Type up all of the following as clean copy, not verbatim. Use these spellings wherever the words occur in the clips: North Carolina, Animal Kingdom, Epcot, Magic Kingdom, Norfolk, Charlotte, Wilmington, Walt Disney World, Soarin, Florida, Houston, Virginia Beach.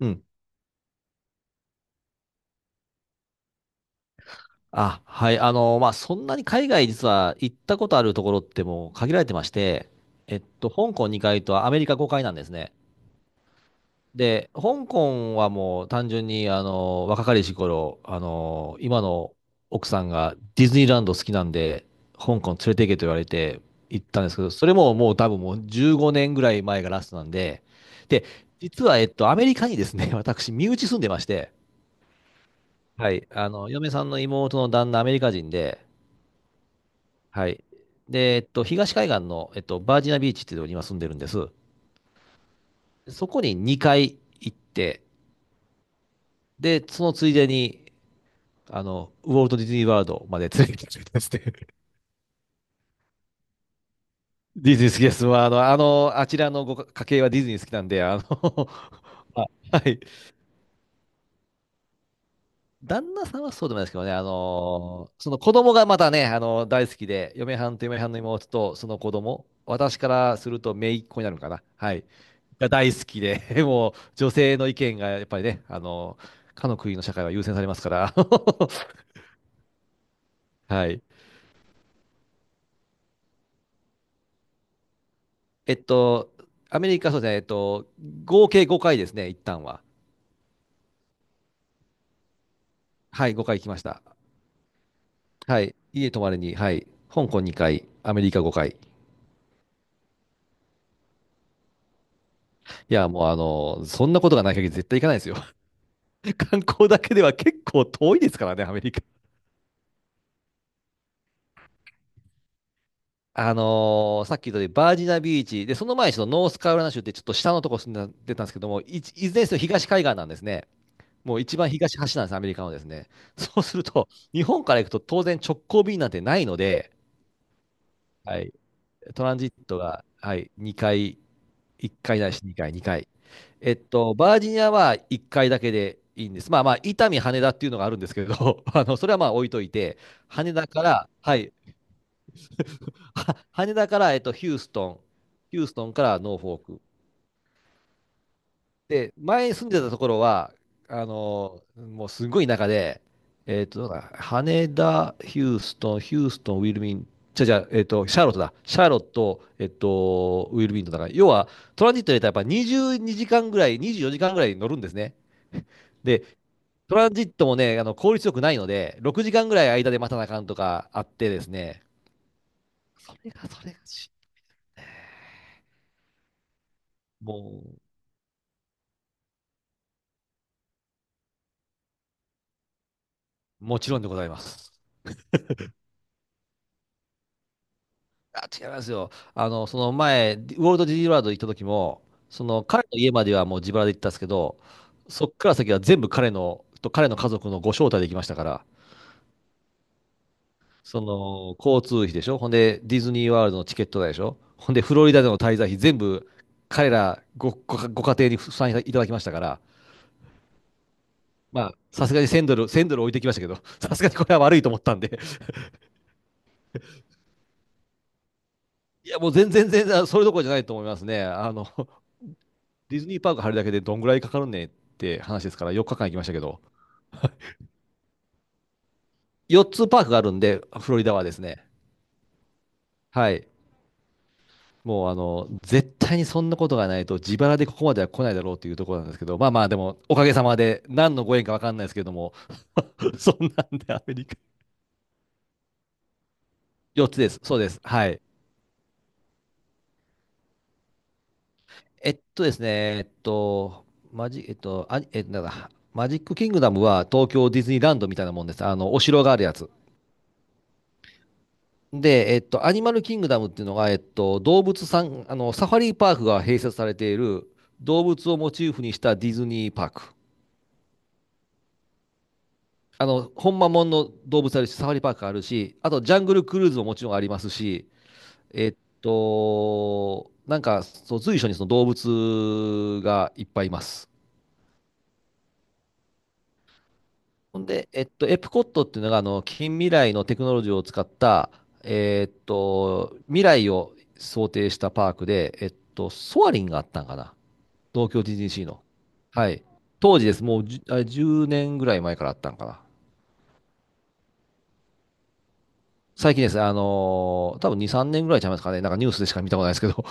うん。あ、はい。まあ、そんなに海外実は行ったことあるところってもう限られてまして、香港2回とアメリカ5回なんですね。で、香港はもう単純に、若かりし頃、今の奥さんがディズニーランド好きなんで、香港連れて行けと言われて行ったんですけど、それももう多分もう15年ぐらい前がラストなんで、で、実は、アメリカにですね、私、身内住んでまして、はい、嫁さんの妹の旦那、アメリカ人で、はい。で、東海岸の、バージニアビーチっていうところに今住んでるんです。そこに2回行って、で、そのついでに、ウォルト・ディズニー・ワールドまで連れてきてくれたんですね。ディズニー好きです。まあ、あちらのご家系はディズニー好きなんで、あはい。旦那さんはそうでもないですけどね、その子供がまたね、大好きで、嫁はんと嫁はんの妹とその子供、私からすると姪っ子になるのかな、はい、が大好きで、もう女性の意見がやっぱりね、かの国の社会は優先されますから、はい。えっと、アメリカ、そうですね、合計5回ですね、一旦は。はい、5回行きました。はい、家泊まりに、はい、香港2回、アメリカ5回。いや、もうそんなことがない限り絶対行かないですよ。観光だけでは結構遠いですからね、アメリカ。さっき言ったようにバージナビーチ、で、その前にそのノースカロライナ州ってちょっと下のとこ住んでたたんですけども、いずれにせよ東海岸なんですね。もう一番東端なんです、アメリカのですね。そうすると、日本から行くと当然直行便なんてないので、はい、トランジットが、はい、2回、1回ないし2回、2回。バージニアは1回だけでいいんです。まあまあ、伊丹、羽田っていうのがあるんですけれど、それはまあ置いといて、羽田から、はい、羽田から、ヒューストン、ヒューストンからノーフォーク。で、前に住んでたところは、もうすごい田舎で、どうだ羽田、ヒューストン、ヒューストン、ウィルミン、じゃじゃ、えっと、シャーロットだ。シャーロット、ウィルミントンだから、要は、トランジットで言ったらやっぱ22時間ぐらい、24時間ぐらい乗るんですね。で、トランジットもね、あの効率よくないので、6時間ぐらい間で待たなあかんとかあってですね、それが、それがし、ももちろんでございます。あ、違いますよ。その前、ウォルト・ディズニーワールド行った時も、その彼の家まではもう自腹で行ったんですけど、そっから先は全部彼の、と彼の家族のご招待で行きましたから、その交通費でしょ、ほんでディズニーワールドのチケット代でしょ、ほんでフロリダでの滞在費全部彼らご家庭に負担いただきましたから、まあ、さすがに1000ドル、1ドル置いてきましたけど、さすがにこれは悪いと思ったんで、いや、もう全然全然、それどころじゃないと思いますね。ディズニーパーク入るだけでどんぐらいかかるねって話ですから、4日間行きましたけど、4つパークがあるんで、フロリダはですね、はい、もう絶対にそんなことがないと、自腹でここまでは来ないだろうというところなんですけど、まあまあ、でも、おかげさまで、何のご縁か分かんないですけども、そんなんでアメリカ。4つです、そうです、はい。えっとですね、えっと、あ、え、なんだ、マジックキングダムは東京ディズニーランドみたいなもんです。お城があるやつ。で、アニマルキングダムっていうのが、動物さん、サファリパークが併設されている動物をモチーフにしたディズニーパーク。ほんまもんの動物あるし、サファリパークあるし、あとジャングルクルーズももちろんありますし、えっなんか、そう、随所にその動物がいっぱいいます。ほんで、エプコットっていうのが、近未来のテクノロジーを使った、未来を想定したパークで、ソアリンがあったんかな。東京 TGC の。はい。当時です。もうあれ10年ぐらい前からあったんかな。最近ですね、多分2、3年ぐらいちゃいますかね。なんかニュースでしか見たことないですけど。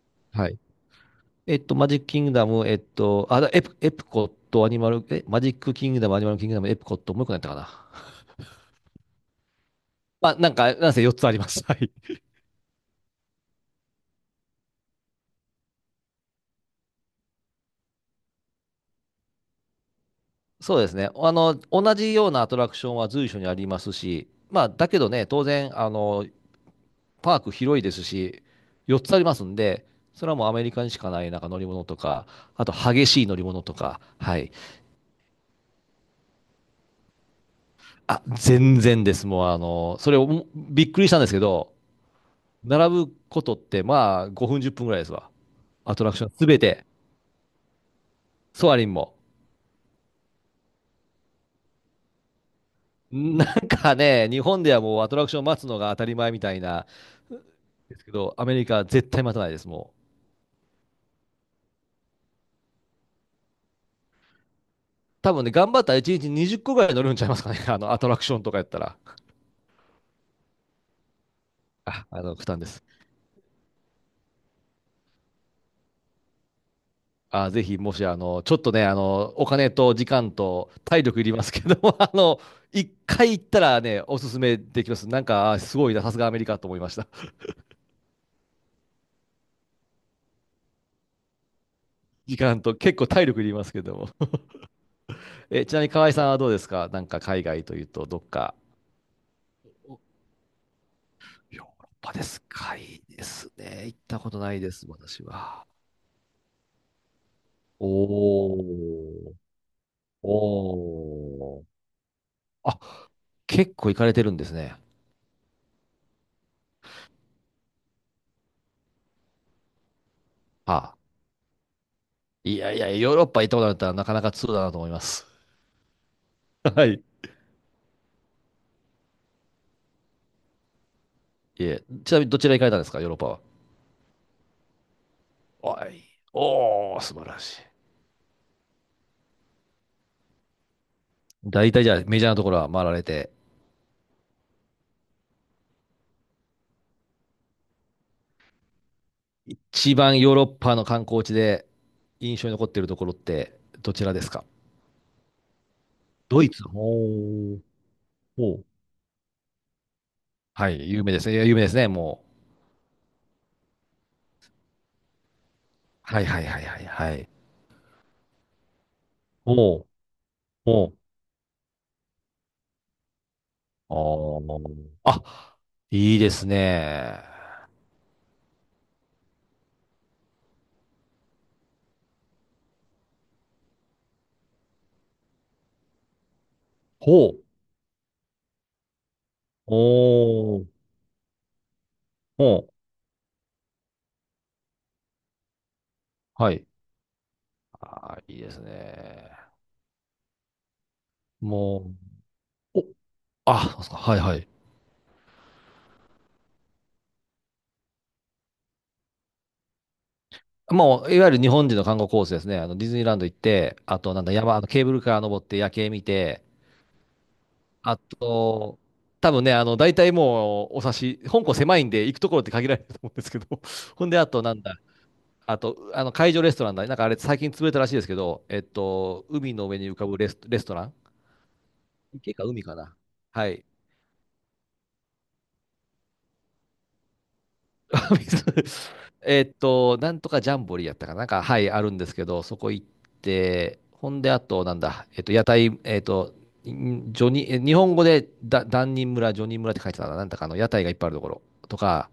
はい。マジックキングダム、えっと、あ、だエプ、エプコット、アニマル、マジックキングダム、アニマルキングダム、エプコット、もう一個何やったかな。まあ、なんか、なんせ4つあります。はい。そうですね。同じようなアトラクションは随所にありますし、まあ、だけどね、当然、パーク広いですし、4つありますんで、それはもうアメリカにしかないなんか乗り物とか、あと激しい乗り物とか、はい。あ、全然です。もうそれをもびっくりしたんですけど、並ぶことってまあ5分10分ぐらいですわ。アトラクションすべて、ソアリンも。なんかね、日本ではもうアトラクション待つのが当たり前みたいな、ですけど、アメリカは絶対待たないです、もう。多分ね、頑張ったら1日20個ぐらい乗るんちゃいますかね、アトラクションとかやったら。あ、負担です。あー、ぜひ、もし、ちょっとね、お金と時間と体力いりますけども、一回行ったらね、おすすめできます。なんか、あーすごいな、さすがアメリカと思いました。時間と、結構体力いりますけども。ちなみに河合さんはどうですか？なんか、海外というと、どっか。おヨーロッパですか？いいですね。行ったことないです、私は。おー。おー。あ、結構行かれてるんですね。あ、いやいや、ヨーロッパ行ったことあるんだったら、なかなか通だなと思います。はい。いえ、ちなみにどちら行かれたんですか、ヨーロッパは？おい。おー、素晴らしい。大体じゃあメジャーなところは回られて、一番ヨーロッパの観光地で印象に残っているところってどちらですか？ドイツ。おー。おー。はい、有名ですね。いや有名ですね、もう。はいはいはいはいはい。おー。おー。あー。あ、いいですね。ほう。おー。おー。はい。あー、いいですね。もう、そうですか。はいはい。もう、いわゆる日本人の観光コースですね。ディズニーランド行って、あと、なんだ、山、あのケーブルカー登って夜景見て、あと、多分ね、大体もう、お察し、香港狭いんで、行くところって限られると思うんですけど、ほんで、あと、なんだ、あと、海上レストランだ。なんかあれ、最近潰れたらしいですけど、海の上に浮かぶレストラン池か海かな。はい。なんとかジャンボリーやったかな、なんか、はい、あるんですけど、そこ行って、ほんで、あと、なんだ、屋台、んジョニー、え日本語で、ダ人村、ジョニー村って書いてたな、なんだか屋台がいっぱいあるところとか、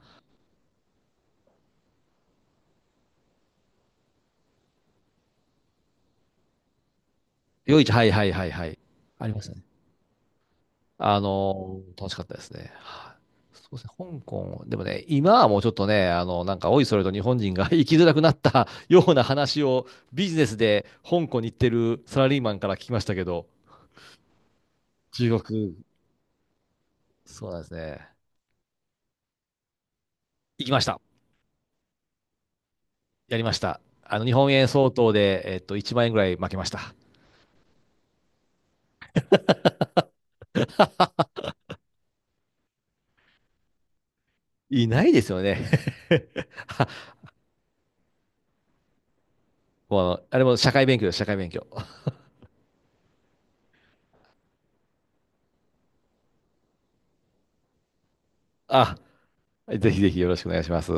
夜市、はいはいはいはい。ありましたね。楽しかったですね。はいそうですね、香港、でもね、今はもうちょっとね、なんか、おいそれと日本人が 生きづらくなったような話をビジネスで香港に行ってるサラリーマンから聞きましたけど、中国、そうなんですね。行きました。やりました。日本円相当で、1万円ぐらい負けました。いないですよね。もうあれも社会勉強です、社会勉強。あ、ぜひぜひよろしくお願いします。